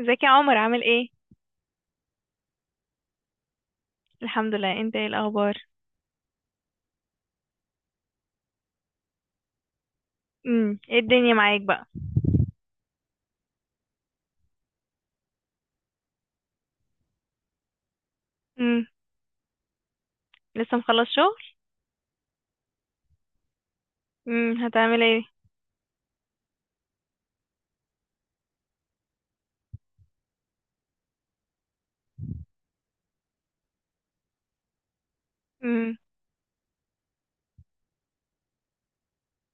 ازيك يا عمر عامل ايه؟ الحمد لله. انت ايه الاخبار؟ ايه الدنيا معاك بقى؟ امم لسه مخلص شغل؟ هتعمل ايه؟ امم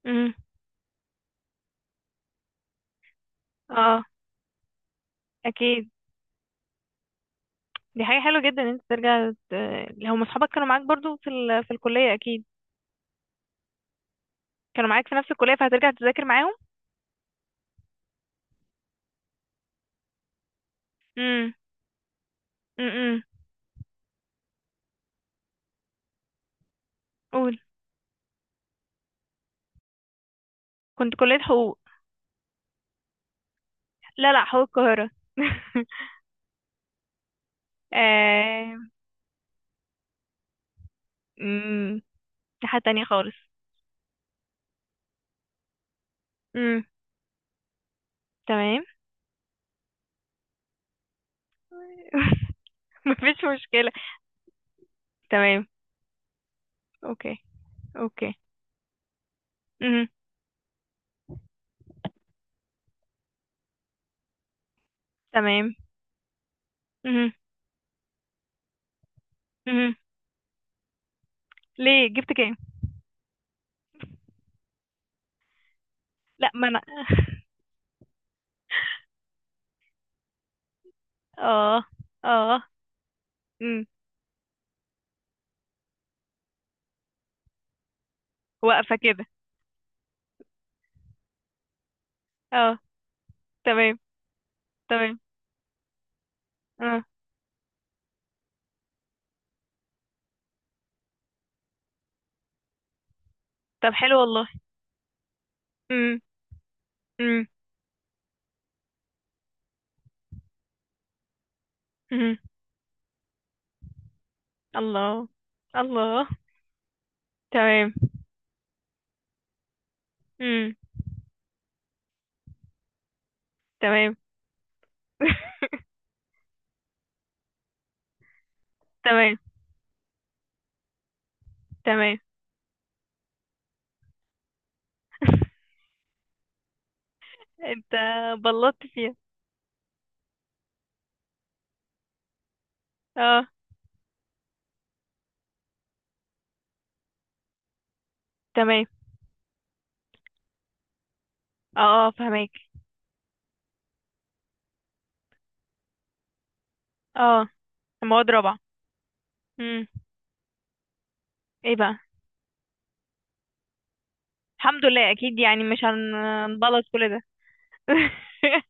امم اه اكيد، دي حاجه حلوه جدا ان انت هم اصحابك كانوا معاك برضو في الكليه اكيد؟ كانوا معاك في نفس الكليه فهترجع تذاكر معاهم؟ امم امم قول. كنت كليه حقوق. لا لا، حقوق القاهره. آه... امم دي حاجه تانية خالص. امم تمام. مفيش مشكله. تمام. اوكي، اوكي. مهم. تمام. مهم. مهم. ليه جبت كام؟ لا ما انا. اه. اه. امم واقفة كده. اه. تمام. تمام. اه. طب حلو والله. امم امم امم الله الله. تمام. امم تمام. تمام. تمام. انت بلطت فيها؟ اه. تمام. اه اه فهمك. اه. مواد رابعة. امم ايه بقى؟ الحمد لله اكيد، يعني مش هنبلط كل ده.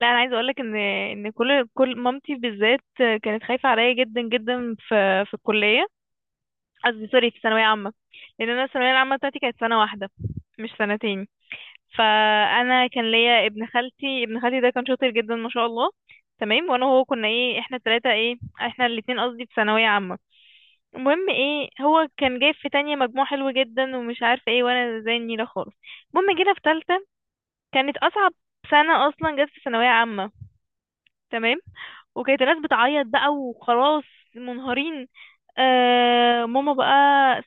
لا انا عايزه اقولك ان كل مامتي بالذات كانت خايفه عليا جدا جدا في الكليه. قصدي سوري، في ثانويه عامه. لان انا الثانويه العامه بتاعتي كانت سنه واحده، مش سنتين. فانا كان ليا ابن خالتي ابن خالتي ده كان شاطر جدا ما شاء الله. تمام. وانا وهو كنا ايه، احنا التلاته ايه، احنا الاتنين قصدي، في ثانويه عامه. المهم ايه، هو كان جايب في تانية مجموع حلو جدا ومش عارفه ايه، وانا زي النيله خالص. المهم جينا في تالته، كانت اصعب سنه اصلا جت في ثانويه عامه. تمام. وكانت الناس بتعيط بقى وخلاص، منهارين. آه ماما بقى،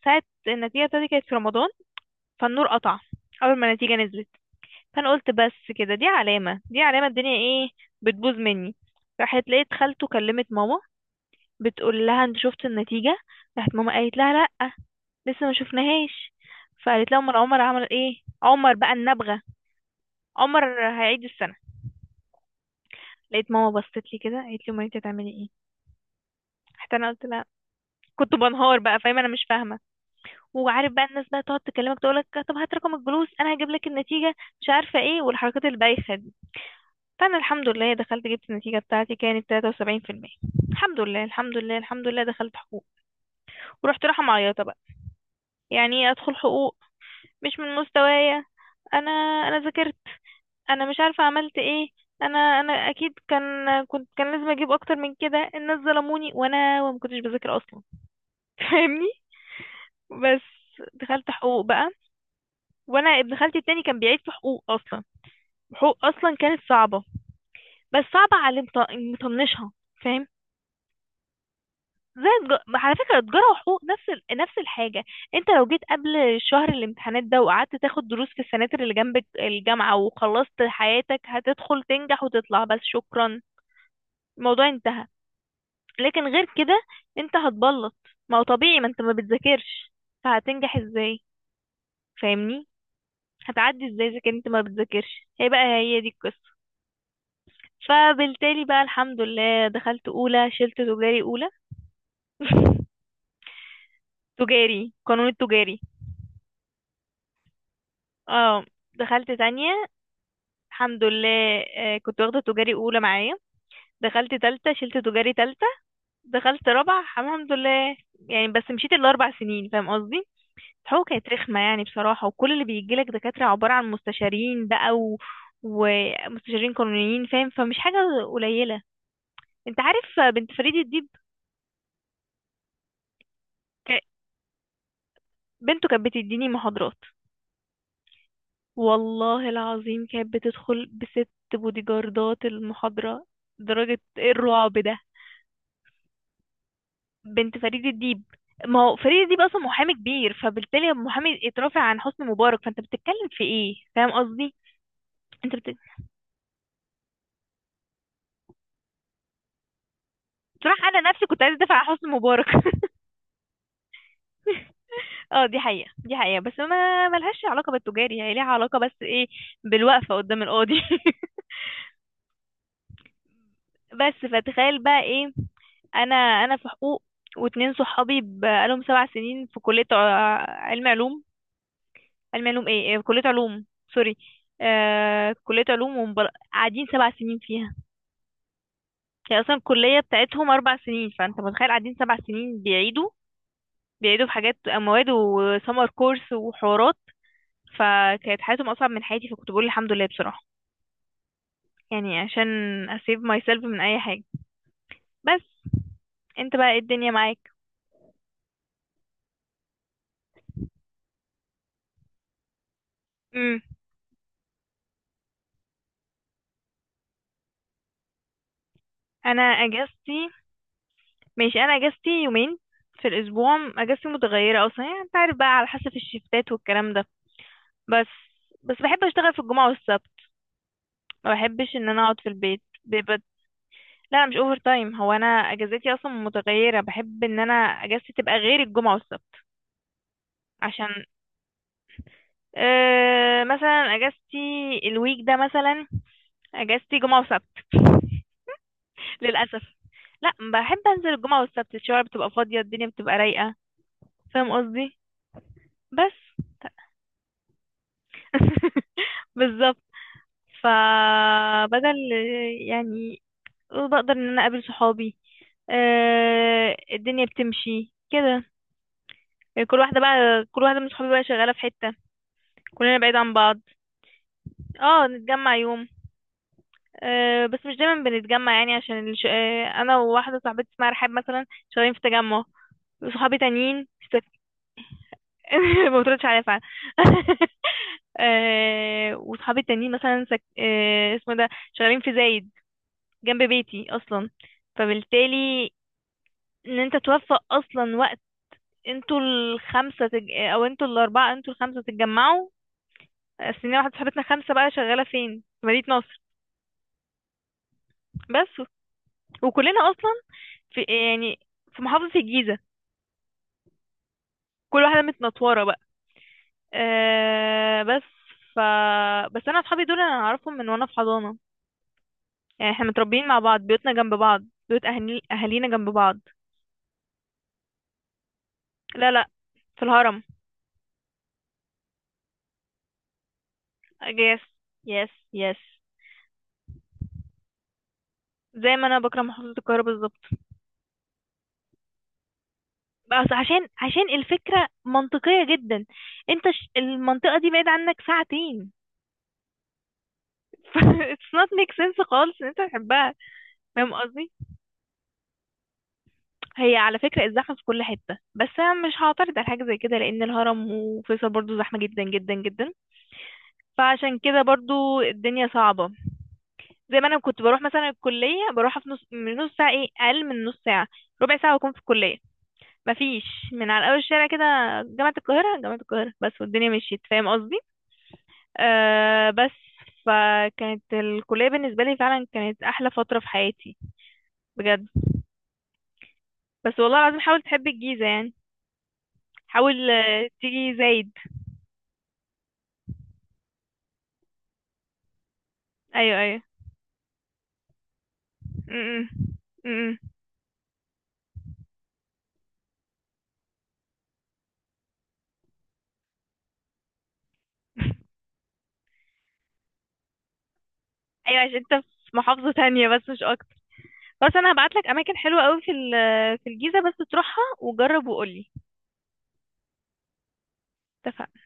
ساعة النتيجة بتاعتي كانت في رمضان، فالنور قطع أول ما النتيجة نزلت. فأنا قلت بس كده، دي علامة، دي علامة الدنيا ايه، بتبوظ مني. راحت لقيت خالته كلمت ماما، بتقول لها انت شفت النتيجة؟ راحت ماما قالت لها لأ، لسه ما شفناهاش. فقالت لها امال عمر عمل ايه؟ عمر بقى النبغة. عمر هيعيد السنة. لقيت ماما بصت لي كده قالت لي امال انت هتعملي ايه؟ حتى انا قلت لها، كنت بنهار بقى، فاهمة انا مش فاهمة. وعارف بقى الناس بقى تقعد تكلمك تقولك طب هات رقم الجلوس انا هجيب لك النتيجه، مش عارفه ايه، والحركات البايخه دي. فانا الحمد لله دخلت جبت النتيجه بتاعتي كانت 73%. الحمد لله، الحمد لله، الحمد لله، دخلت حقوق. ورحت رايحه معيطه بقى، يعني ايه ادخل حقوق؟ مش من مستوايا. انا انا ذاكرت، انا مش عارفه عملت ايه، انا اكيد كان، كنت كان لازم اجيب اكتر من كده، الناس ظلموني، وانا وما كنتش بذاكر اصلا. فاهمني؟ بس دخلت حقوق بقى. وانا ابن خالتي التاني كان بيعيد في حقوق اصلا. حقوق اصلا كانت صعبه، بس صعبه على اللي مطنشها. فاهم؟ على فكره تجاره وحقوق نفس الحاجه. انت لو جيت قبل شهر الامتحانات ده وقعدت تاخد دروس في السناتر اللي جنب الجامعه وخلصت حياتك، هتدخل تنجح وتطلع، بس شكرا. الموضوع انتهى. لكن غير كده انت هتبلط. ما هو طبيعي، ما انت ما بتذاكرش، فهتنجح ازاي؟ فاهمني؟ هتعدي ازاي اذا كنت ما بتذاكرش؟ هي بقى هي دي القصه. فبالتالي بقى الحمد لله دخلت اولى شلت تجاري اولى. تجاري، قانون التجاري. اه. دخلت تانية الحمد لله، كنت واخدة تجاري أولى معايا. دخلت تالتة شلت تجاري تالتة. دخلت رابعة الحمد لله. يعني بس مشيت الأربع سنين، فاهم قصدي؟ الحقوق كانت رخمة يعني بصراحة، وكل اللي بيجيلك دكاترة عبارة عن مستشارين بقى ومستشارين قانونيين، فاهم؟ فمش حاجة قليلة. انت عارف بنت فريد الديب؟ ك- بنته كانت بتديني محاضرات. والله العظيم كانت بتدخل بست بودي جاردات المحاضرة. درجة ايه الرعب ده؟ بنت فريد الديب. ما هو فريد الديب اصلا محامي كبير، فبالتالي محامي اترافع عن حسني مبارك، فانت بتتكلم في ايه؟ فاهم قصدي؟ انت بت... بصراحة انا نفسي كنت عايزة ادافع عن حسني مبارك. اه دي حقيقة، دي حقيقة، بس ما ملهاش علاقة بالتجاري، هي ليها علاقة بس ايه، بالوقفة قدام القاضي. بس فتخيل بقى ايه، انا في حقوق، واتنين صحابي بقالهم 7 سنين في كلية علم علوم، علم علوم ايه، كلية علوم، سوري، آه كلية علوم. قاعدين 7 سنين فيها. هي اصلا الكلية بتاعتهم 4 سنين، فانت متخيل قاعدين سبع سنين بيعيدوا، بيعيدوا في حاجات مواد وسمر كورس وحوارات. فكانت حياتهم اصعب من حياتي، فكنت بقول الحمد لله بصراحة. يعني عشان اسيب ماي سيلف من اي حاجة. بس انت بقى ايه الدنيا معاك؟ امم انا اجازتي، ماشي، انا اجازتي يومين في الاسبوع. اجازتي متغيره اصلا، يعني انت عارف بقى على حسب الشفتات والكلام ده. بس بس بحب اشتغل في الجمعه والسبت، ما بحبش ان انا اقعد في البيت بيبقى. لا انا مش اوفر تايم، هو انا اجازتي اصلا متغيره، بحب ان انا اجازتي تبقى غير الجمعه والسبت، عشان أه مثلا اجازتي الويك ده مثلا، اجازتي جمعه وسبت للاسف. لا، بحب انزل الجمعه والسبت، الشوارع بتبقى فاضيه، الدنيا بتبقى رايقه، فاهم قصدي؟ بس. بالظبط. فبدل يعني، بقدر ان انا اقابل صحابي. آه الدنيا بتمشي كده يعني. كل واحدة بقى، كل واحدة من صحابي بقى شغالة في حتة، كلنا بعيد عن بعض. اه نتجمع يوم، آه بس مش دايما بنتجمع، يعني عشان آه انا وواحدة صاحبتي اسمها رحاب مثلا شغالين في تجمع، وصحابي تانيين في ما بتردش عليا فعلا. آه وصحابي التانيين مثلا آه اسمه إيه ده، شغالين في زايد، جنب بيتي اصلا. فبالتالي ان انت توفق اصلا وقت انتوا الخمسه او انتوا الاربعه، انتوا الخمسه تتجمعوا. السنين واحده صاحبتنا خمسه بقى شغاله فين في مدينه نصر. بس وكلنا اصلا في يعني في محافظه الجيزه. كل واحده متنطوره بقى. آه بس ف، بس انا اصحابي دول انا اعرفهم من وانا في حضانه، يعني احنا متربيين مع بعض، بيوتنا جنب بعض، بيوت اهالينا جنب بعض. لا لا، في الهرم. يس، يس يس. زي ما انا بكره محافظه القاهره بالظبط. بس عشان عشان الفكرة منطقية جدا، انت المنطقة دي بعيد عنك ساعتين. ف it's not make sense خالص ان انت تحبها. فاهم قصدي؟ هي على فكرة الزحمة في كل حتة، بس انا مش هعترض على حاجة زي كده لان الهرم وفيصل برضو زحمة جدا جدا جدا. فعشان كده برضو الدنيا صعبة. زي ما انا كنت بروح مثلا الكلية، بروحها في نص من نص ساعة، ايه اقل من نص ساعة، ربع ساعة واكون في الكلية. مفيش، من على اول الشارع كده، جامعة القاهرة، جامعة القاهرة بس، والدنيا مشيت، فاهم قصدي؟ أه بس فكانت الكلية بالنسبة لي فعلا كانت أحلى فترة في حياتي بجد. بس والله العظيم حاول تحب الجيزة يعني، حاول تيجي زايد. أيوه أيوه. م-م. م-م. أيوه عشان أنت في محافظة تانية بس مش أكتر. بس أنا هبعتلك أماكن حلوة أوي في الجيزة بس تروحها وجرب وقولي. اتفقنا.